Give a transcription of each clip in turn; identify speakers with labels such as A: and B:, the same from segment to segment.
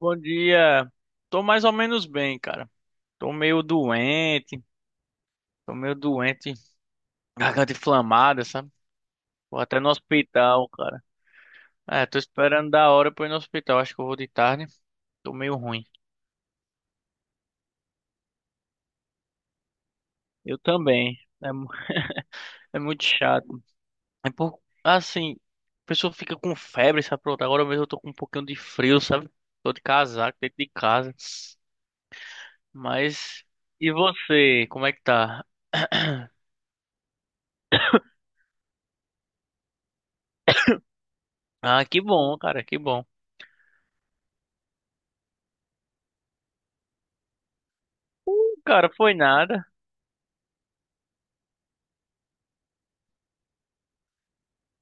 A: Bom dia. Tô mais ou menos bem, cara. Tô meio doente, tô meio doente, garganta inflamada, sabe? Vou até no hospital, cara. É, tô esperando da hora pra ir no hospital. Acho que eu vou de tarde. Tô meio ruim. Eu também. É muito chato. É, por assim, a pessoa fica com febre, sabe? Pronto, agora mesmo eu tô com um pouquinho de frio, sabe? Tô de casaco dentro de casa. Mas, e você? Como é que tá? Ah, que bom. Cara, foi nada.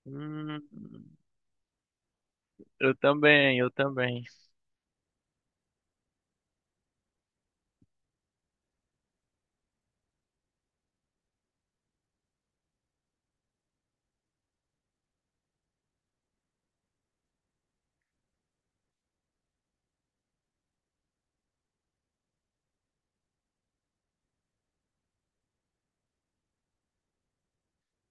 A: Hum, eu também, eu também.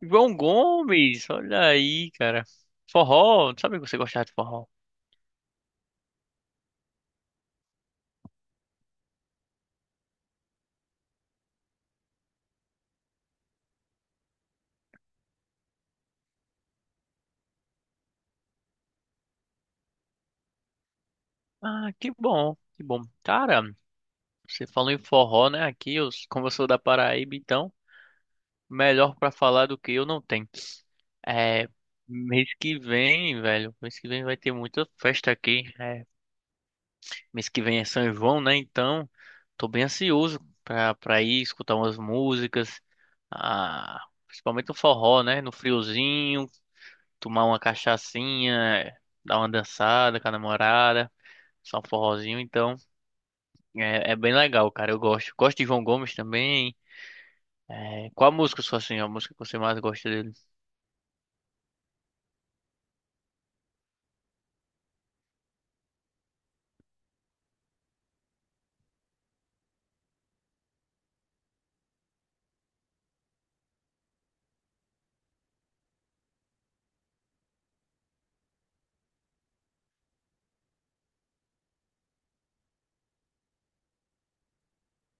A: João Gomes, olha aí, cara. Forró, sabe que você gostava de forró? Ah, que bom, que bom. Cara, você falou em forró, né? Aqui, eu, como eu sou da Paraíba, então, melhor pra falar do que eu não tenho. É, mês que vem, velho, mês que vem vai ter muita festa aqui. É, mês que vem é São João, né? Então, tô bem ansioso pra ir escutar umas músicas, ah, principalmente o forró, né? No friozinho, tomar uma cachaçinha, dar uma dançada com a namorada, só um forrozinho. Então, é, é bem legal, cara. Eu gosto. Gosto de João Gomes também. É, qual a música, sua assim, a música que você mais gosta dele?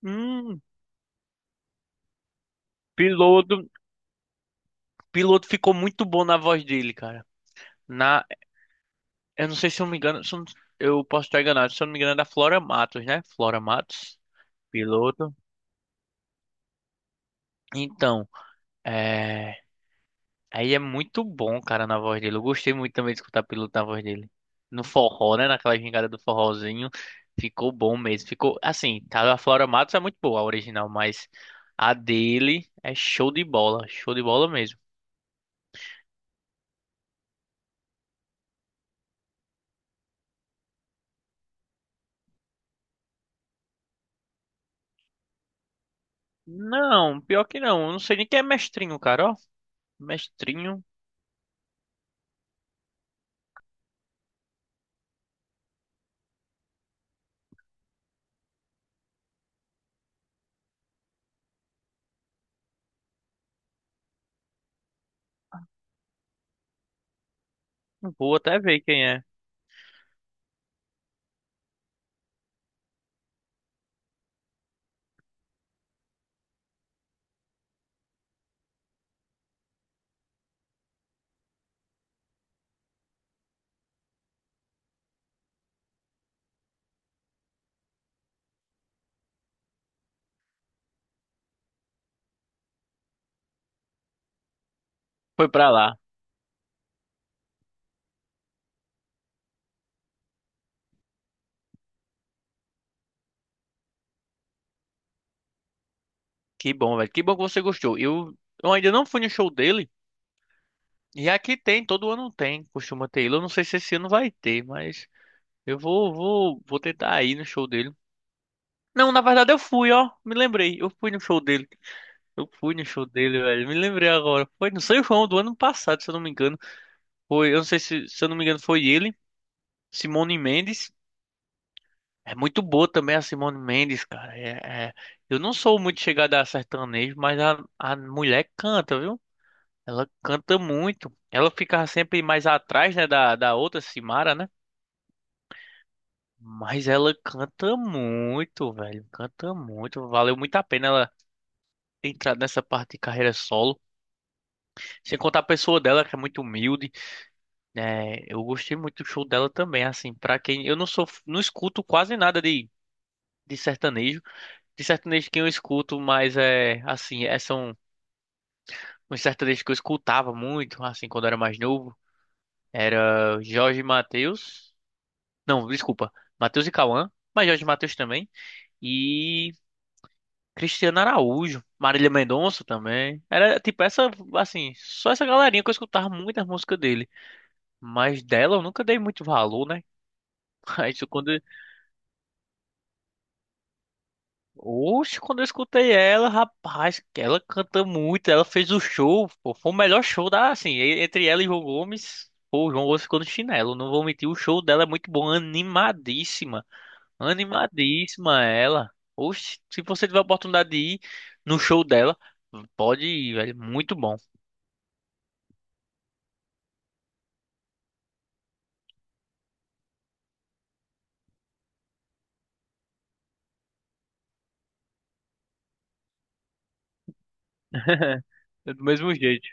A: Hum, Piloto. Piloto ficou muito bom na voz dele, cara. Na, eu não sei se eu me engano, se eu, não- eu posso estar enganado, se eu não me engano é da Flora Matos, né? Flora Matos, Piloto. Então, é... aí é muito bom, cara, na voz dele. Eu gostei muito também de escutar Piloto na voz dele. No forró, né? Naquela gingada do forrozinho. Ficou bom mesmo. Ficou, assim, tá, a Flora Matos é muito boa, a original, mas a dele é show de bola. Show de bola mesmo. Não, pior que não. Eu não sei nem quem é Mestrinho, cara, ó. Mestrinho, vou até ver quem é. Foi pra lá. Que bom, velho. Que bom que você gostou. Eu ainda não fui no show dele. E aqui tem, todo ano tem, costuma ter ele. Eu não sei se esse ano vai ter, mas eu vou, vou tentar ir no show dele. Não, na verdade eu fui, ó. Me lembrei. Eu fui no show dele. Eu fui no show dele, velho. Me lembrei agora. Foi no São João do ano passado, se eu não me engano. Foi, eu não sei se, se eu não me engano, foi ele, Simone Mendes. É muito boa também a Simone Mendes, cara. Eu não sou muito chegada a sertanejo, mas a mulher canta, viu? Ela canta muito. Ela ficava sempre mais atrás, né, da, da outra Simara, né? Mas ela canta muito, velho. Canta muito. Valeu muito a pena ela entrar nessa parte de carreira solo. Sem contar a pessoa dela, que é muito humilde, né? Eu gostei muito do show dela também, assim, pra quem eu não sou, não escuto quase nada de, de sertanejo. De sertanejo que eu escuto, mas é assim, é, são uns sertanejos que eu escutava muito, assim, quando eu era mais novo. Era Jorge Mateus. Não, desculpa. Matheus e Cauã, mas Jorge Matheus também. E Cristiano Araújo, Marília Mendonça também. Era tipo essa, assim, só essa galerinha que eu escutava muitas músicas dele. Mas dela eu nunca dei muito valor, né? Mas eu quando. Oxe, quando eu escutei ela, rapaz, ela canta muito, ela fez o show, pô, foi o melhor show da, assim, entre ela e João Gomes. Pô, o João Gomes ficou no chinelo, não vou mentir, o show dela é muito bom, animadíssima. Animadíssima ela. Oxe, se você tiver a oportunidade de ir no show dela, pode ir, velho. Muito bom. É, do mesmo jeito.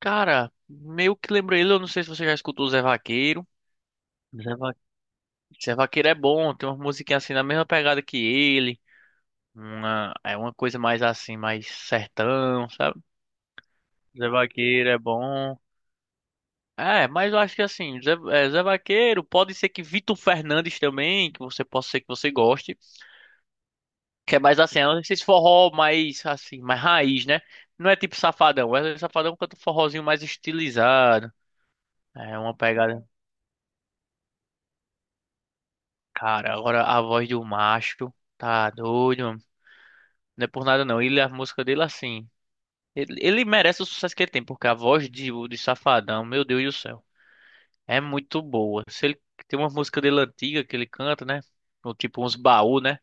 A: Cara, meio que lembro ele, eu não sei se você já escutou o Zé Vaqueiro. Zé, Va... Zé Vaqueiro é bom, tem uma musiquinhas assim na mesma pegada que ele. Uma... é uma coisa mais assim, mais sertão, sabe? Zé Vaqueiro é bom. É, mas eu acho que assim, Zé Vaqueiro, pode ser que Vitor Fernandes também, que você goste. Que é mais assim, é esses forró mais assim, mais raiz, né? Não é tipo Safadão. É, Safadão canta um forrozinho mais estilizado. É uma pegada. Cara, agora a voz do macho tá doido, mano. Não é por nada não. Ele, a música dele assim. Ele merece o sucesso que ele tem, porque a voz de Safadão, meu Deus do céu, é muito boa. Se ele tem uma música dele antiga que ele canta, né? Ou tipo uns baú, né?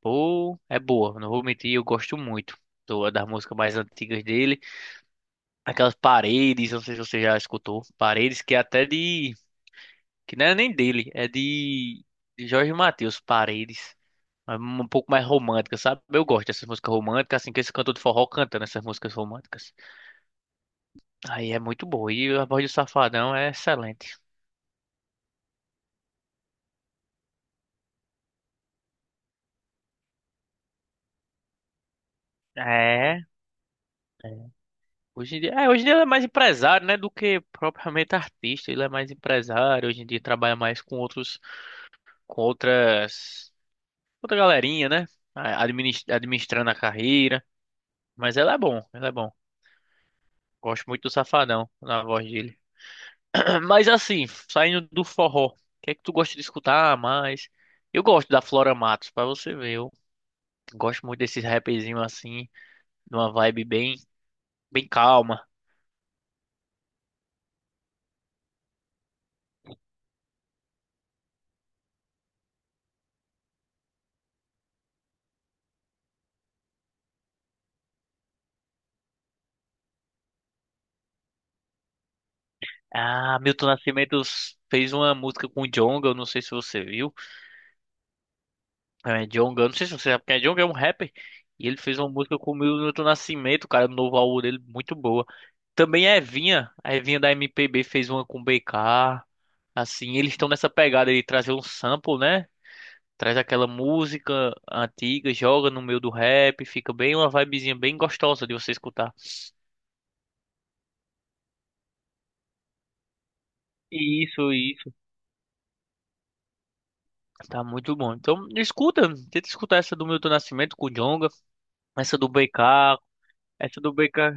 A: Pô, é boa. Não vou mentir, eu gosto muito do, das músicas mais antigas dele. Aquelas Paredes, não sei se você já escutou. Paredes que é até de. Que não é nem dele, é de. De Jorge Mateus, Paredes. É um pouco mais romântica, sabe? Eu gosto dessas músicas românticas, assim que esse cantor de forró canta nessas músicas românticas. Aí é muito boa. E a voz do Safadão é excelente. É. É. Hoje em dia, é, hoje em dia ele é mais empresário, né, do que propriamente artista. Ele é mais empresário, hoje em dia trabalha mais com outros, com outras, outra galerinha, né, administrando a carreira. Mas ela é bom, ela é bom. Gosto muito do Safadão na voz dele. Mas assim, saindo do forró, o que é que tu gosta de escutar mais? Eu gosto da Flora Matos, pra você ver. Eu gosto muito desses rapzinhos assim, numa vibe bem, bem calma. Ah, Milton Nascimento fez uma música com o Djonga, eu não sei se você viu. É, Djonga, eu não sei se você sabe quem é Djonga, é um rapper. E ele fez uma música com o Milton Nascimento, cara, no novo álbum dele, muito boa. Também a Evinha da MPB fez uma com BK. Assim, eles estão nessa pegada de trazer um sample, né? Traz aquela música antiga, joga no meio do rap, fica bem uma vibezinha bem gostosa de você escutar. Isso, isso. Tá muito bom. Então, escuta, tenta escutar essa do Milton Nascimento com o Djonga, essa do BK, essa do BK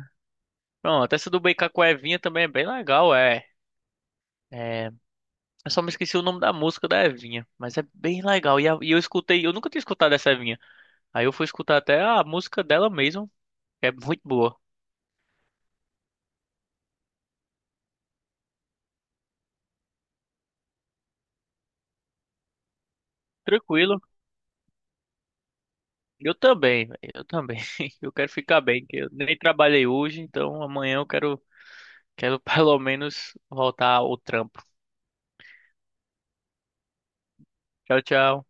A: Pronto, essa do Brincar com a Evinha também é bem legal, é. É, eu só me esqueci o nome da música da Evinha, mas é bem legal. E, e eu escutei, eu nunca tinha escutado essa Evinha. Aí eu fui escutar até a música dela mesmo, que é muito boa. Tranquilo. Eu também, véi, eu também. Eu quero ficar bem, que eu nem trabalhei hoje, então amanhã eu quero, quero pelo menos voltar ao trampo. Tchau, tchau.